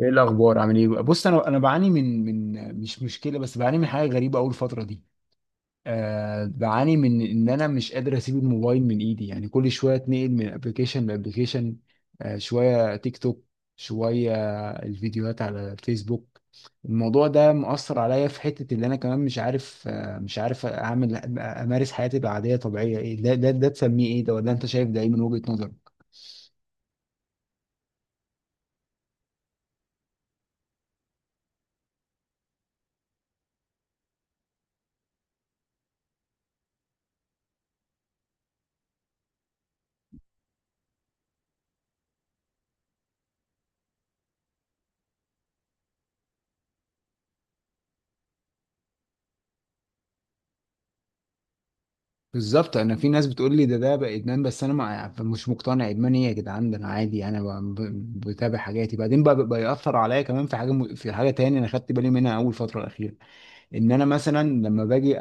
ايه الاخبار؟ عامل ايه؟ بص، انا بعاني من، مش مشكله، بس بعاني من حاجه غريبه اول فتره دي. بعاني من ان انا مش قادر اسيب الموبايل من ايدي، يعني كل شويه اتنقل من ابلكيشن لابلكيشن، شويه تيك توك، شويه الفيديوهات على الفيسبوك. الموضوع ده مؤثر عليا في حته اللي انا كمان مش عارف، مش عارف اعمل، امارس حياتي العاديه طبيعيه. ايه ده تسميه ايه؟ ده ولا انت شايف ده ايه من وجهه نظرك؟ بالظبط. انا في ناس بتقول لي ده، بقى ادمان، بس انا ما يعني مش مقتنع. ادمان ايه يا جدعان؟ ده انا عادي، انا بتابع حاجاتي. بعدين بقى ياثر عليا كمان في حاجه، في حاجه تاني انا خدت بالي منها اول فتره الاخيره. ان انا مثلا لما باجي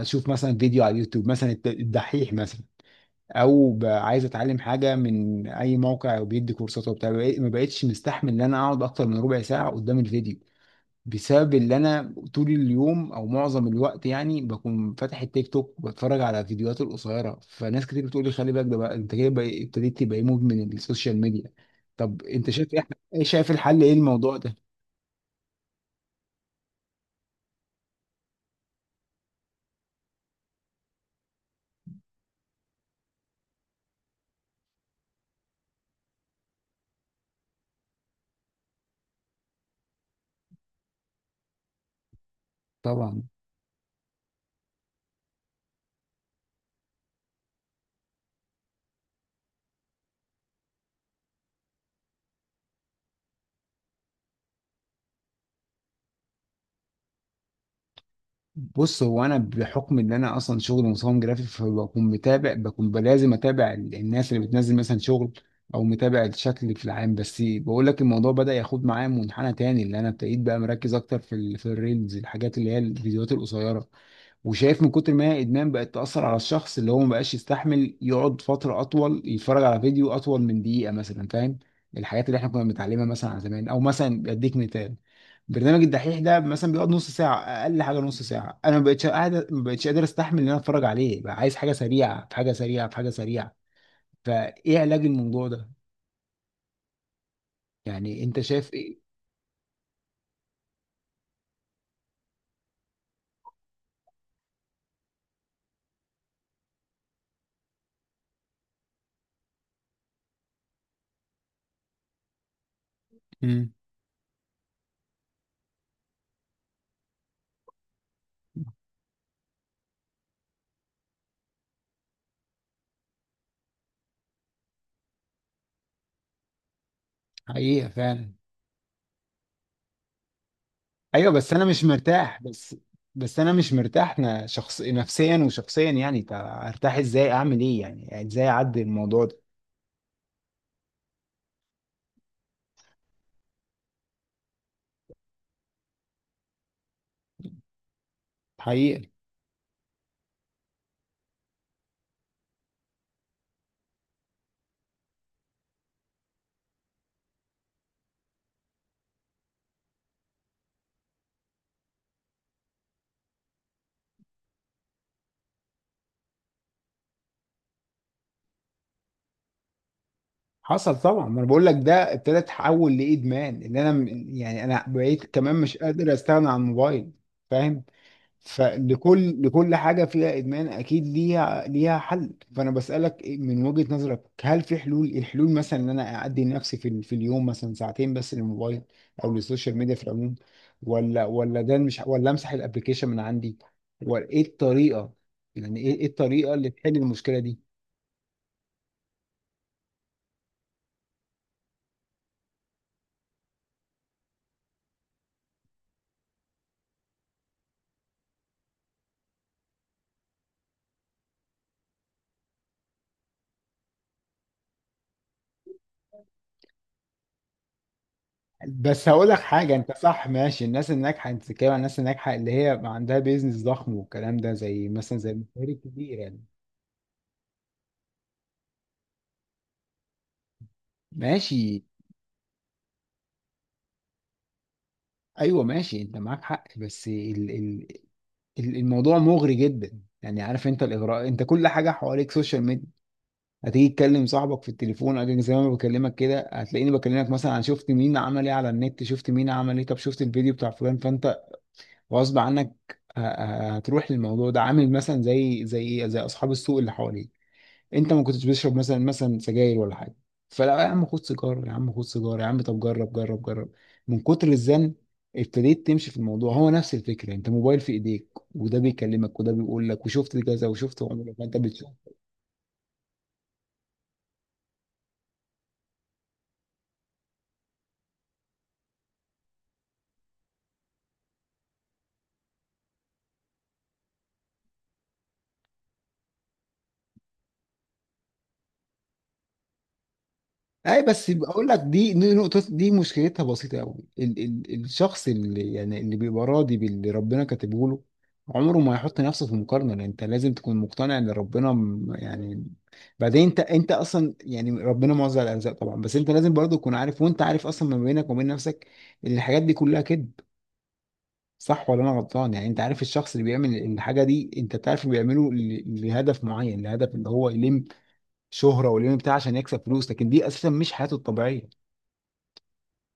اشوف مثلا فيديو على اليوتيوب، مثلا الدحيح مثلا، او عايز اتعلم حاجه من اي موقع وبيدي كورسات وبتاع، ما بقتش مستحمل ان انا اقعد اكتر من ربع ساعه قدام الفيديو، بسبب اللي انا طول اليوم او معظم الوقت يعني بكون فاتح التيك توك وبتفرج على فيديوهات القصيره. فناس كتير بتقول لي خلي بالك، ده بقى انت كده ابتديت تبقى إيه، مدمن السوشيال ميديا. طب انت شايف ايه؟ إيه؟ شايف الحل ايه الموضوع ده؟ طبعا. بص، هو انا بحكم ان انا اصلا شغل مصمم جرافيك، فبكون متابع، بكون لازم اتابع الناس اللي بتنزل مثلا شغل، او متابع الشكل في العام. بس بقول لك الموضوع بدأ ياخد معايا منحنى تاني، اللي انا ابتديت بقى مركز اكتر في في الريلز، الحاجات اللي هي الفيديوهات القصيره. وشايف من كتر ما هي ادمان بقت تاثر على الشخص اللي هو ما بقاش يستحمل يقعد فتره اطول يتفرج على فيديو اطول من دقيقه مثلا، فاهم؟ الحاجات اللي احنا كنا بنتعلمها مثلا على زمان، او مثلا اديك مثال، برنامج الدحيح ده مثلا بيقعد نص ساعه، اقل حاجه نص ساعه. انا ما بقتش قاعد، ما بقتش قادر استحمل ان انا اتفرج عليه، بقى عايز حاجه سريعه، في حاجه سريعه، في حاجه سريعه. فايه علاج الموضوع ده؟ يعني انت شايف ايه؟ مم. حقيقه فعلا. ايوه بس انا مش مرتاح. بس بس انا مش مرتاح، شخص، نفسيا وشخصيا يعني. طب ارتاح ازاي؟ اعمل ايه يعني؟ يعني ازاي اعدي الموضوع ده؟ حقيقي. حصل طبعا، ما انا بقول لك ده ابتدى يتحول لادمان، ان انا يعني انا بقيت كمان مش قادر استغنى عن الموبايل. فاهم. لكل حاجة فيها إدمان أكيد ليها حل، فأنا بسألك من وجهة نظرك، هل في حلول؟ الحلول مثلا إن أنا أعدي نفسي في اليوم مثلا ساعتين بس للموبايل أو للسوشيال ميديا في العموم، ولا ده مش، ولا أمسح الأبليكيشن من عندي، ولا إيه الطريقة؟ يعني إيه الطريقة اللي تحل المشكلة دي؟ بس هقول لك حاجة، أنت صح ماشي، الناس الناجحة، أنت بتتكلم عن الناس الناجحة اللي هي عندها بيزنس ضخم والكلام ده، زي مثلا زي المشاهير الكبيرة يعني. ماشي. ايوه ماشي، انت معاك حق، بس الموضوع مغري جدا يعني. عارف انت الاغراء؟ انت كل حاجه حواليك سوشيال ميديا. هتيجي تكلم صاحبك في التليفون، أجي زي ما أنا بكلمك كده، هتلاقيني بكلمك مثلا عن شفت مين عمل ايه على النت، شفت مين عمل ايه، طب شفت الفيديو بتاع فلان. فانت غصب عنك هتروح للموضوع ده، عامل مثلا زي اصحاب السوق اللي حواليك. انت ما كنتش بتشرب مثلا، سجاير ولا حاجه، فلا يا عم، خد سيجاره يا عم، خد سيجاره يا عم، طب جرب جرب جرب. من كتر الزن ابتديت تمشي في الموضوع. هو نفس الفكره، انت موبايل في ايديك، وده بيكلمك، وده بيقول لك وشفت كذا وشفت وعمل فانت. اي، بس بقول لك، دي نقطة، دي مشكلتها بسيطة قوي. ال ال الشخص اللي يعني اللي بيبقى راضي باللي ربنا كاتبه له عمره ما يحط نفسه في مقارنة. لأن انت لازم تكون مقتنع ان ربنا يعني. بعدين انت، اصلا يعني ربنا موزع الارزاق طبعا، بس انت لازم برضه تكون عارف، وانت عارف اصلا ما بينك وبين نفسك، ان الحاجات دي كلها كذب. صح ولا انا غلطان؟ يعني انت عارف الشخص اللي بيعمل الحاجة دي، انت بتعرف بيعمله لهدف معين، لهدف ان هو يلم شهرة ويلم بتاع عشان يكسب فلوس، لكن دي اساسا مش حياته الطبيعية.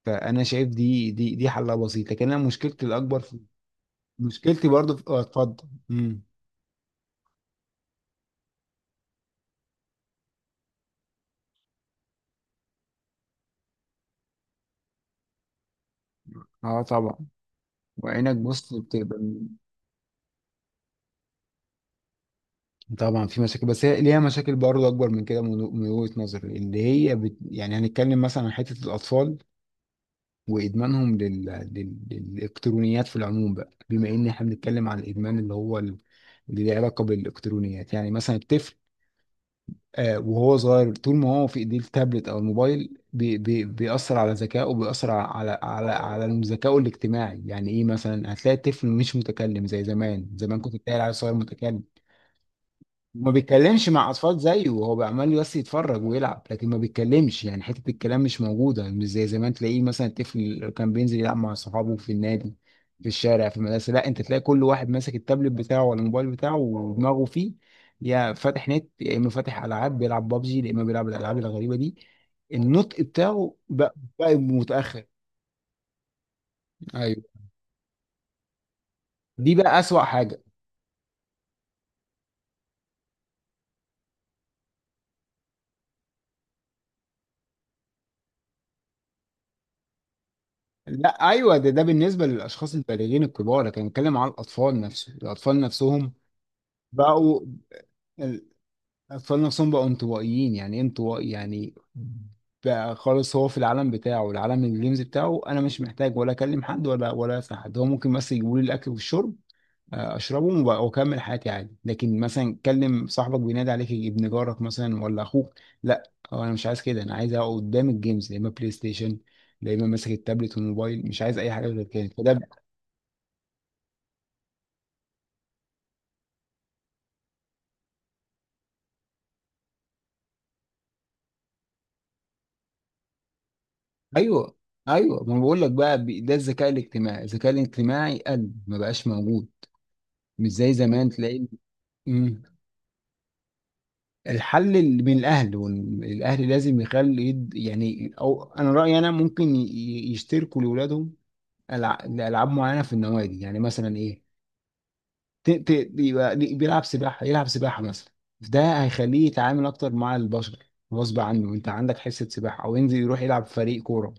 فانا شايف دي حلها بسيط، لكن انا مشكلتي الاكبر في، مشكلتي برضو في، اه اتفضل. اه طبعا. وعينك بص بتبقى. طبعا في مشاكل، بس هي ليها مشاكل برضو اكبر من كده، من وجهة نظري، اللي هي يعني هنتكلم مثلا عن حتة الاطفال وادمانهم للالكترونيات في العموم، بقى بما ان احنا بنتكلم عن الادمان اللي هو اللي له علاقة بالالكترونيات. يعني مثلا الطفل، وهو صغير طول ما هو في ايديه التابلت او الموبايل، بي بي بيأثر على ذكائه، وبيأثر على ذكائه الاجتماعي. يعني ايه؟ مثلا هتلاقي الطفل مش متكلم زي زمان. زمان كنت تلاقي العيل الصغير متكلم، ما بيتكلمش مع اطفال زيه، هو بقى عمال بس يتفرج ويلعب لكن ما بيتكلمش. يعني حته الكلام مش موجوده، مش زي زمان تلاقيه مثلا، الطفل اللي كان بينزل يلعب مع صحابه في النادي، في الشارع، في المدرسه. لا، انت تلاقي كل واحد ماسك التابلت بتاعه ولا الموبايل بتاعه ودماغه فيه، يا فاتح نت، يا اما فاتح العاب بيلعب بابجي، يا اما بيلعب الالعاب الغريبه دي. النطق بتاعه بقى، متاخر. ايوه، دي بقى اسوأ حاجه. لا ايوه، ده بالنسبه للاشخاص البالغين الكبار، لكن بنتكلم على الاطفال نفسه، الاطفال نفسهم بقوا الأطفال نفسهم بقوا انطوائيين. يعني إيه انطوائي؟ يعني بقى خالص، هو في العالم بتاعه، العالم الجيمز بتاعه. أنا مش محتاج ولا أكلم حد، ولا أسأل حد، هو ممكن بس يجيبوا لي الأكل والشرب، أشربهم وأكمل حياتي عادي. لكن مثلا كلم صاحبك، بينادي عليك ابن جارك مثلا ولا أخوك، لا، هو أنا مش عايز كده، أنا عايز أقعد قدام الجيمز، يا إما بلاي ستيشن يا إما ماسك التابلت والموبايل، مش عايز أي حاجة غير كده. فده ايوه. ايوه، ما أنا بقول لك بقى ده الذكاء الاجتماعي، الذكاء الاجتماعي قل، ما بقاش موجود، مش زي زمان تلاقي. مم. الحل اللي من الاهل، والاهل لازم يخلي يعني، او انا رايي انا ممكن يشتركوا لاولادهم لالعاب معينه في النوادي، يعني مثلا ايه، يبقى بيلعب سباحه، يلعب سباحه مثلا. ده هيخليه يتعامل اكتر مع البشر، غصب عنه، انت عندك حصه سباحه، او ينزل يروح يلعب في فريق كوره،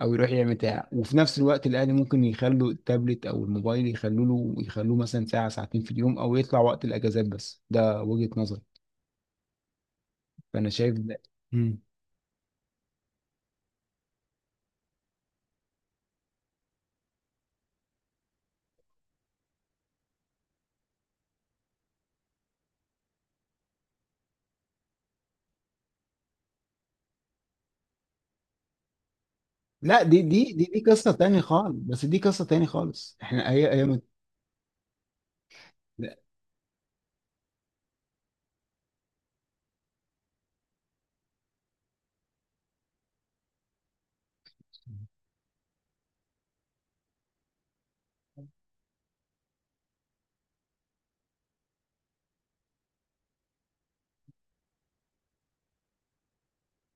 او يروح يعمل بتاع. وفي نفس الوقت الاهل ممكن يخلوا التابلت او الموبايل، يخلوا له، يخلوه مثلا ساعه ساعتين في اليوم، او يطلع وقت الاجازات بس. ده وجهه نظري، فانا شايف ده. مم. لا، دي قصه تاني خالص، بس دي قصه تاني خالص، احنا هي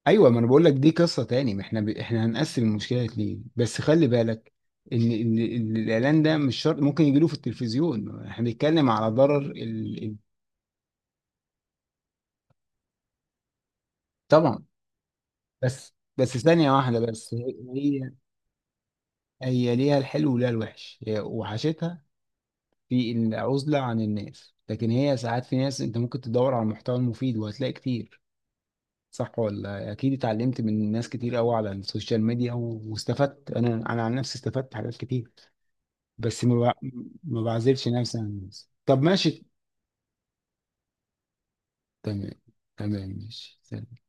ايوه، ما انا بقول لك دي قصه تاني. ما احنا احنا هنقسم المشكله ليه؟ بس خلي بالك إن الاعلان ده مش شرط، ممكن يجي له في التلفزيون. احنا بنتكلم على ضرر طبعا. بس ثانيه واحده بس. هي هي ليها الحلو وليها الوحش، هي وحشتها في العزلة عن الناس، لكن هي ساعات في ناس انت ممكن تدور على المحتوى المفيد وهتلاقي كتير. صح ولا؟ اكيد اتعلمت من ناس كتير قوي على السوشيال ميديا واستفدت، انا عن نفسي استفدت حاجات كتير، بس ما بعزلش نفسي عن الناس. طب ماشي. تمام. تمام ماشي. سلام.